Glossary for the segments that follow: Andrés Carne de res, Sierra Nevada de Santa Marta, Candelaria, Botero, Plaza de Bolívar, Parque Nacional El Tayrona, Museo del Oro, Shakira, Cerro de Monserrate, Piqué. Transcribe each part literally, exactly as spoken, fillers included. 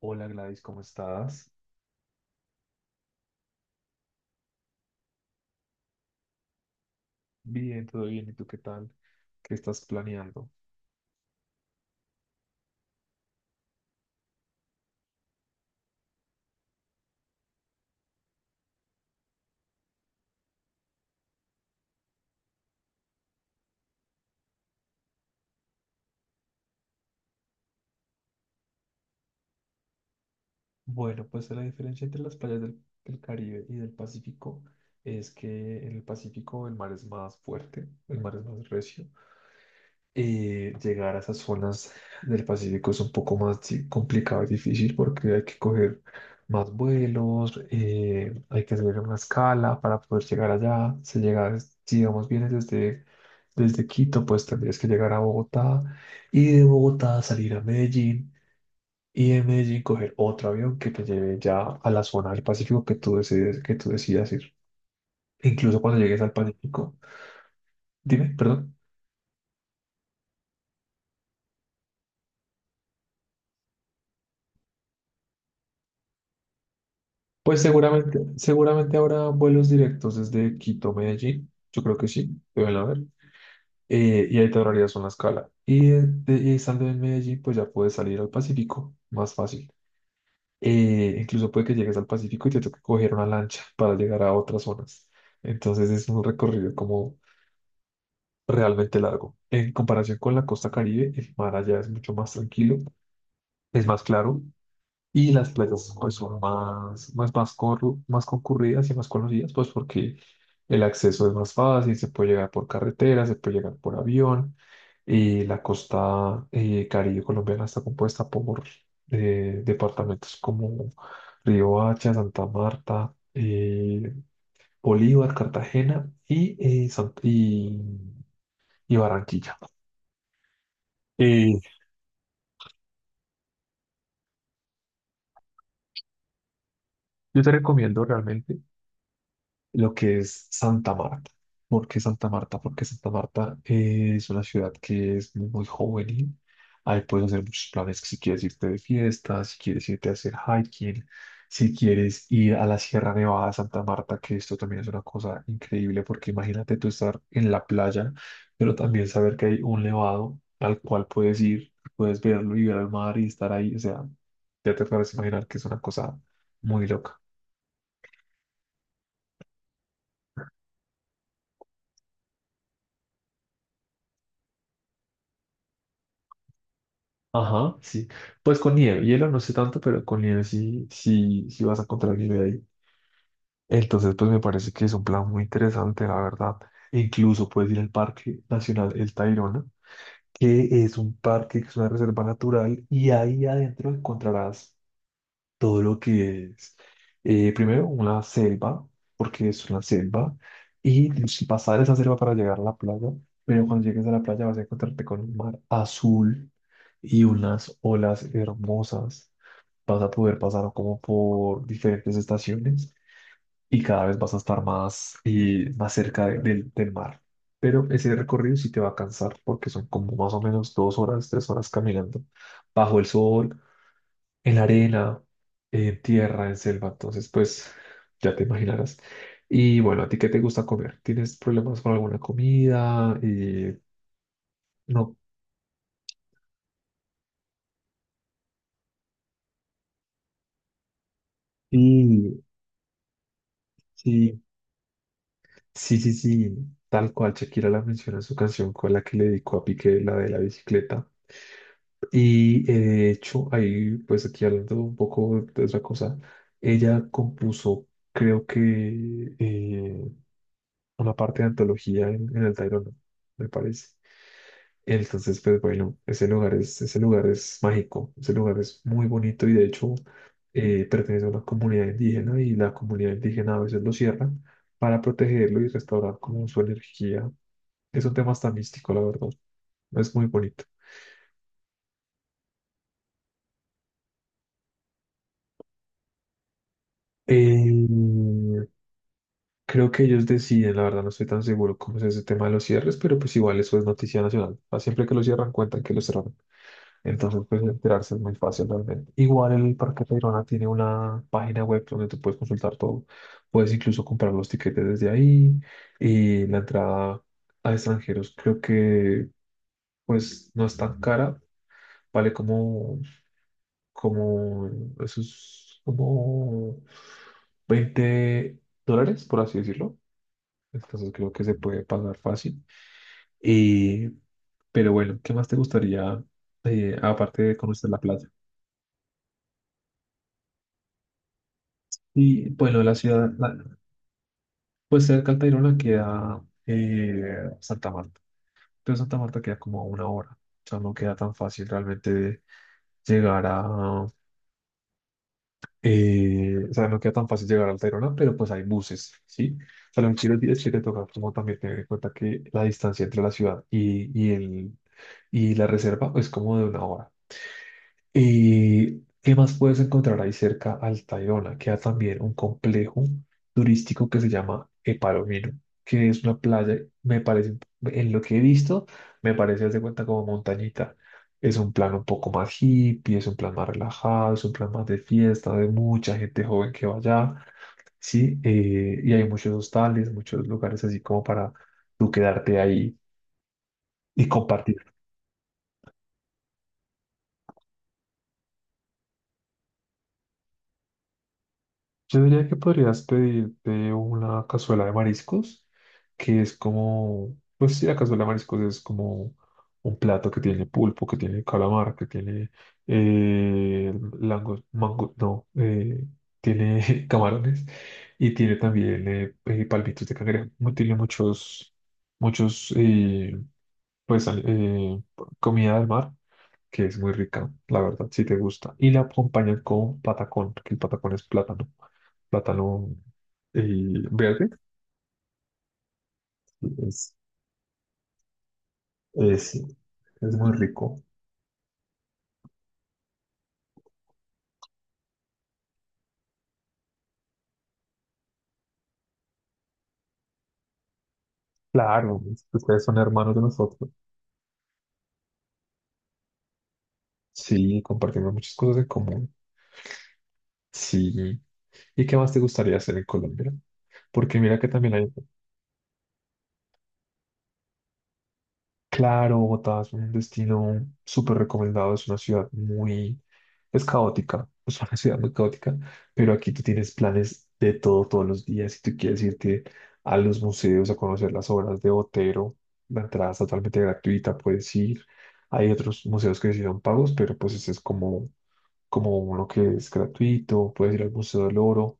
Hola, Gladys, ¿cómo estás? Bien, todo bien. ¿Y tú qué tal? ¿Qué estás planeando? Bueno, pues la diferencia entre las playas del, del Caribe y del Pacífico es que en el Pacífico el mar es más fuerte, el mar es más recio. Y llegar a esas zonas del Pacífico es un poco más di- complicado y difícil porque hay que coger más vuelos, eh, hay que subir una escala para poder llegar allá. Si llegas, si digamos, vienes desde, desde Quito, pues tendrías que llegar a Bogotá y de Bogotá salir a Medellín y de Medellín coger otro avión que te lleve ya a la zona del Pacífico que tú decides, que tú decidas ir. Incluso cuando llegues al Pacífico, dime, perdón. Pues seguramente, seguramente habrá vuelos directos desde Quito a Medellín. Yo creo que sí, deben haber. Eh, y ahí te ahorrarías una escala. Y, de- de- y estando en Medellín, pues ya puedes salir al Pacífico más fácil. Eh, incluso puede que llegues al Pacífico y te toque coger una lancha para llegar a otras zonas. Entonces es un recorrido como realmente largo. En comparación con la costa Caribe, el mar allá es mucho más tranquilo, es más claro. Y las playas pues son más, más, más, corru- más concurridas y más conocidas, pues porque el acceso es más fácil, se puede llegar por carretera, se puede llegar por avión, y la costa eh, Caribe colombiana está compuesta por eh, departamentos como Riohacha, Santa Marta, eh, Bolívar, Cartagena y, eh, San- y, y Barranquilla. Eh, yo te recomiendo realmente lo que es Santa Marta. ¿Por qué Santa Marta? Porque Santa Marta eh, es una ciudad que es muy, muy juvenil. Ahí puedes hacer muchos planes, si quieres irte de fiesta, si quieres irte a hacer hiking, si quieres ir a la Sierra Nevada de Santa Marta, que esto también es una cosa increíble, porque imagínate tú estar en la playa, pero también saber que hay un nevado al cual puedes ir, puedes verlo y ver el mar y estar ahí. O sea, ya te puedes imaginar que es una cosa muy loca. Ajá, sí. Pues con nieve, hielo no sé tanto, pero con nieve sí, sí, sí vas a encontrar nieve ahí. Entonces, pues me parece que es un plan muy interesante, la verdad. Incluso puedes ir al Parque Nacional El Tayrona, que es un parque, que es una reserva natural, y ahí adentro encontrarás todo lo que es, eh, primero, una selva, porque es una selva, y si pasar esa selva para llegar a la playa, pero cuando llegues a la playa vas a encontrarte con un mar azul y unas olas hermosas. Vas a poder pasar como por diferentes estaciones y cada vez vas a estar más, y más cerca de- del del mar. Pero ese recorrido sí te va a cansar porque son como más o menos dos horas, tres horas caminando bajo el sol, en arena, en tierra, en selva, entonces pues ya te imaginarás. Y bueno, ¿a ti qué te gusta comer? ¿Tienes problemas con alguna comida? Eh, no. Sí, sí, sí, sí, sí, tal cual Shakira la menciona en su canción con la que le dedicó a Piqué, la de la bicicleta. Y eh, de hecho, ahí pues aquí hablando un poco de otra cosa, ella compuso, creo que eh, una parte de antología en, en el Tayrona, me parece. Entonces, pues bueno, ese lugar es, ese lugar es mágico, ese lugar es muy bonito y de hecho eh, pertenece a una comunidad indígena y la comunidad indígena a veces lo cierran para protegerlo y restaurar como su energía. Es un tema hasta místico, la verdad. Es muy bonito. Eh, Creo que ellos deciden, la verdad no estoy tan seguro cómo es ese tema de los cierres, pero pues igual eso es noticia nacional. Ah, siempre que lo cierran, cuentan que lo cerraron. Entonces, pues enterarse es muy fácil realmente. Igual el Parque Tayrona tiene una página web donde tú puedes consultar todo. Puedes incluso comprar los tiquetes desde ahí y la entrada a extranjeros creo que pues no es tan cara. Vale como, como, eso es como veinte dólares, por así decirlo. Entonces creo que se puede pagar fácil. Y, pero bueno, ¿qué más te gustaría, eh, aparte de conocer la playa? Y bueno, la ciudad, la- pues cerca de Tayrona queda eh, Santa Marta. Pero Santa Marta queda como a una hora. O sea, no queda tan fácil realmente de llegar a... eh, o sea, no queda tan fácil llegar al Tayrona, pero pues hay buses, ¿sí? O sea, lo que quiero decir es que te toca como también tener en cuenta que la distancia entre la ciudad y, y, el, y la reserva es como de una hora. ¿Y qué más puedes encontrar ahí cerca al Tayrona? Queda también un complejo turístico que se llama El, que es una playa, me parece, en lo que he visto, me parece, haz de cuenta, como montañita. Es un plan un poco más hippie, es un plan más relajado, es un plan más de fiesta, de mucha gente joven que va allá, ¿sí? Eh, y hay muchos hostales, muchos lugares así como para tú quedarte ahí y compartir. Yo diría que podrías pedirte una cazuela de mariscos, que es como, pues sí, la cazuela de mariscos es como un plato que tiene pulpo, que tiene calamar, que tiene eh, lango- mango, no, eh, tiene camarones y tiene también eh, eh, palmitos de cangrejo. Mu- Tiene muchos, muchos, eh, pues, al- eh, comida del mar que es muy rica, la verdad, si te gusta. Y la acompañan con patacón, que el patacón es plátano. Plátano eh, verde. Es, es, es muy rico. Claro, ustedes son hermanos de nosotros. Sí, compartimos muchas cosas en común. Sí. ¿Y qué más te gustaría hacer en Colombia? Porque mira que también hay, claro, Bogotá es un destino súper recomendado, es una ciudad muy, es caótica, es una ciudad muy caótica, pero aquí tú tienes planes de todo todos los días. Si tú quieres irte a los museos a conocer las obras de Botero, la entrada es totalmente gratuita, puedes ir. Hay otros museos que sí son pagos, pero pues ese es como como uno que es gratuito, puedes ir al Museo del Oro,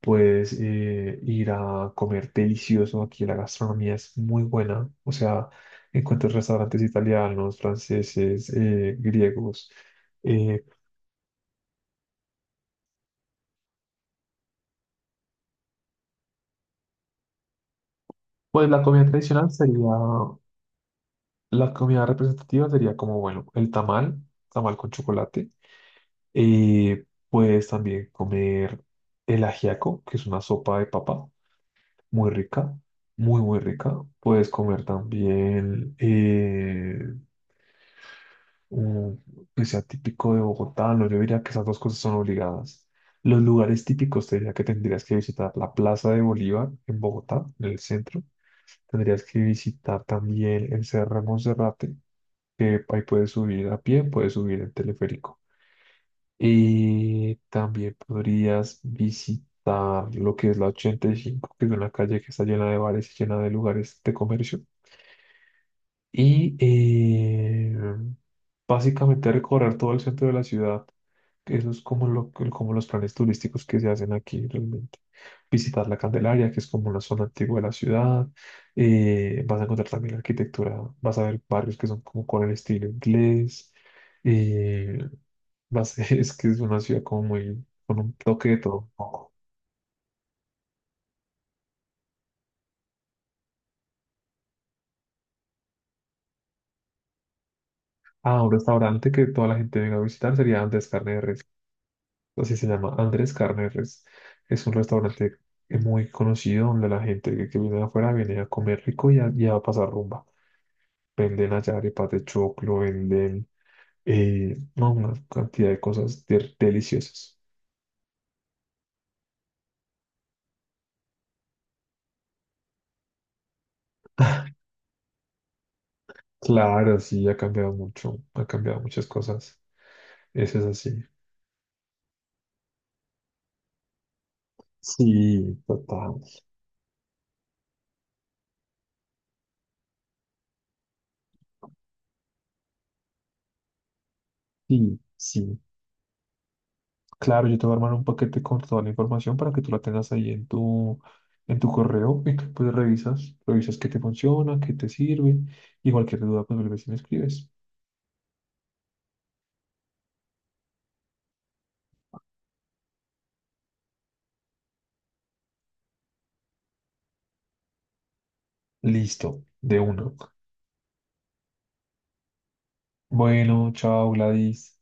puedes eh, ir a comer delicioso. Aquí la gastronomía es muy buena, o sea, encuentras restaurantes italianos, franceses, eh, griegos. eh, pues la comida tradicional sería, la comida representativa sería como, bueno, el tamal, tamal con chocolate. eh, Puedes también comer el ajiaco, que es una sopa de papa. Muy rica, muy, muy rica. Puedes comer también eh, un que sea típico de Bogotá. No, yo diría que esas dos cosas son obligadas. Los lugares típicos, te diría que tendrías que visitar la Plaza de Bolívar en Bogotá, en el centro. Tendrías que visitar también el Cerro de Monserrate, que ahí puedes subir a pie, puedes subir en teleférico. Y también podrías visitar lo que que que es es la ochenta y y cinco, que es una calle que está llena llena de de de bares, lugares de comercio y eh, básicamente recorrer todo el centro de la ciudad. Eso es como, lo, como los planes turísticos que se hacen aquí realmente. Visitar la Candelaria, que es como una zona antigua de la ciudad. Eh, vas a encontrar también arquitectura, vas a ver barrios que son como con el estilo inglés. eh, vas, es que es una ciudad como muy, con un toque de todo un poco. Ah, un restaurante que toda la gente venga a visitar sería Andrés Carne de Res, así se llama, Andrés Carneres. Es un restaurante muy conocido donde la gente que, que viene de afuera viene a comer rico y a, y a pasar rumba. Venden allá arepas de choclo, venden eh, no, una cantidad de cosas de- deliciosas. Claro, sí, ha cambiado mucho, ha cambiado muchas cosas. Eso es así. Sí, total. Sí, sí. Claro, yo te voy a armar un paquete con toda la información para que tú la tengas ahí en tu, en tu correo y tú, pues revisas, revisas qué te funciona, qué te sirve y cualquier duda pues vuelves y me escribes. Listo, de una. Bueno, chao, Gladys.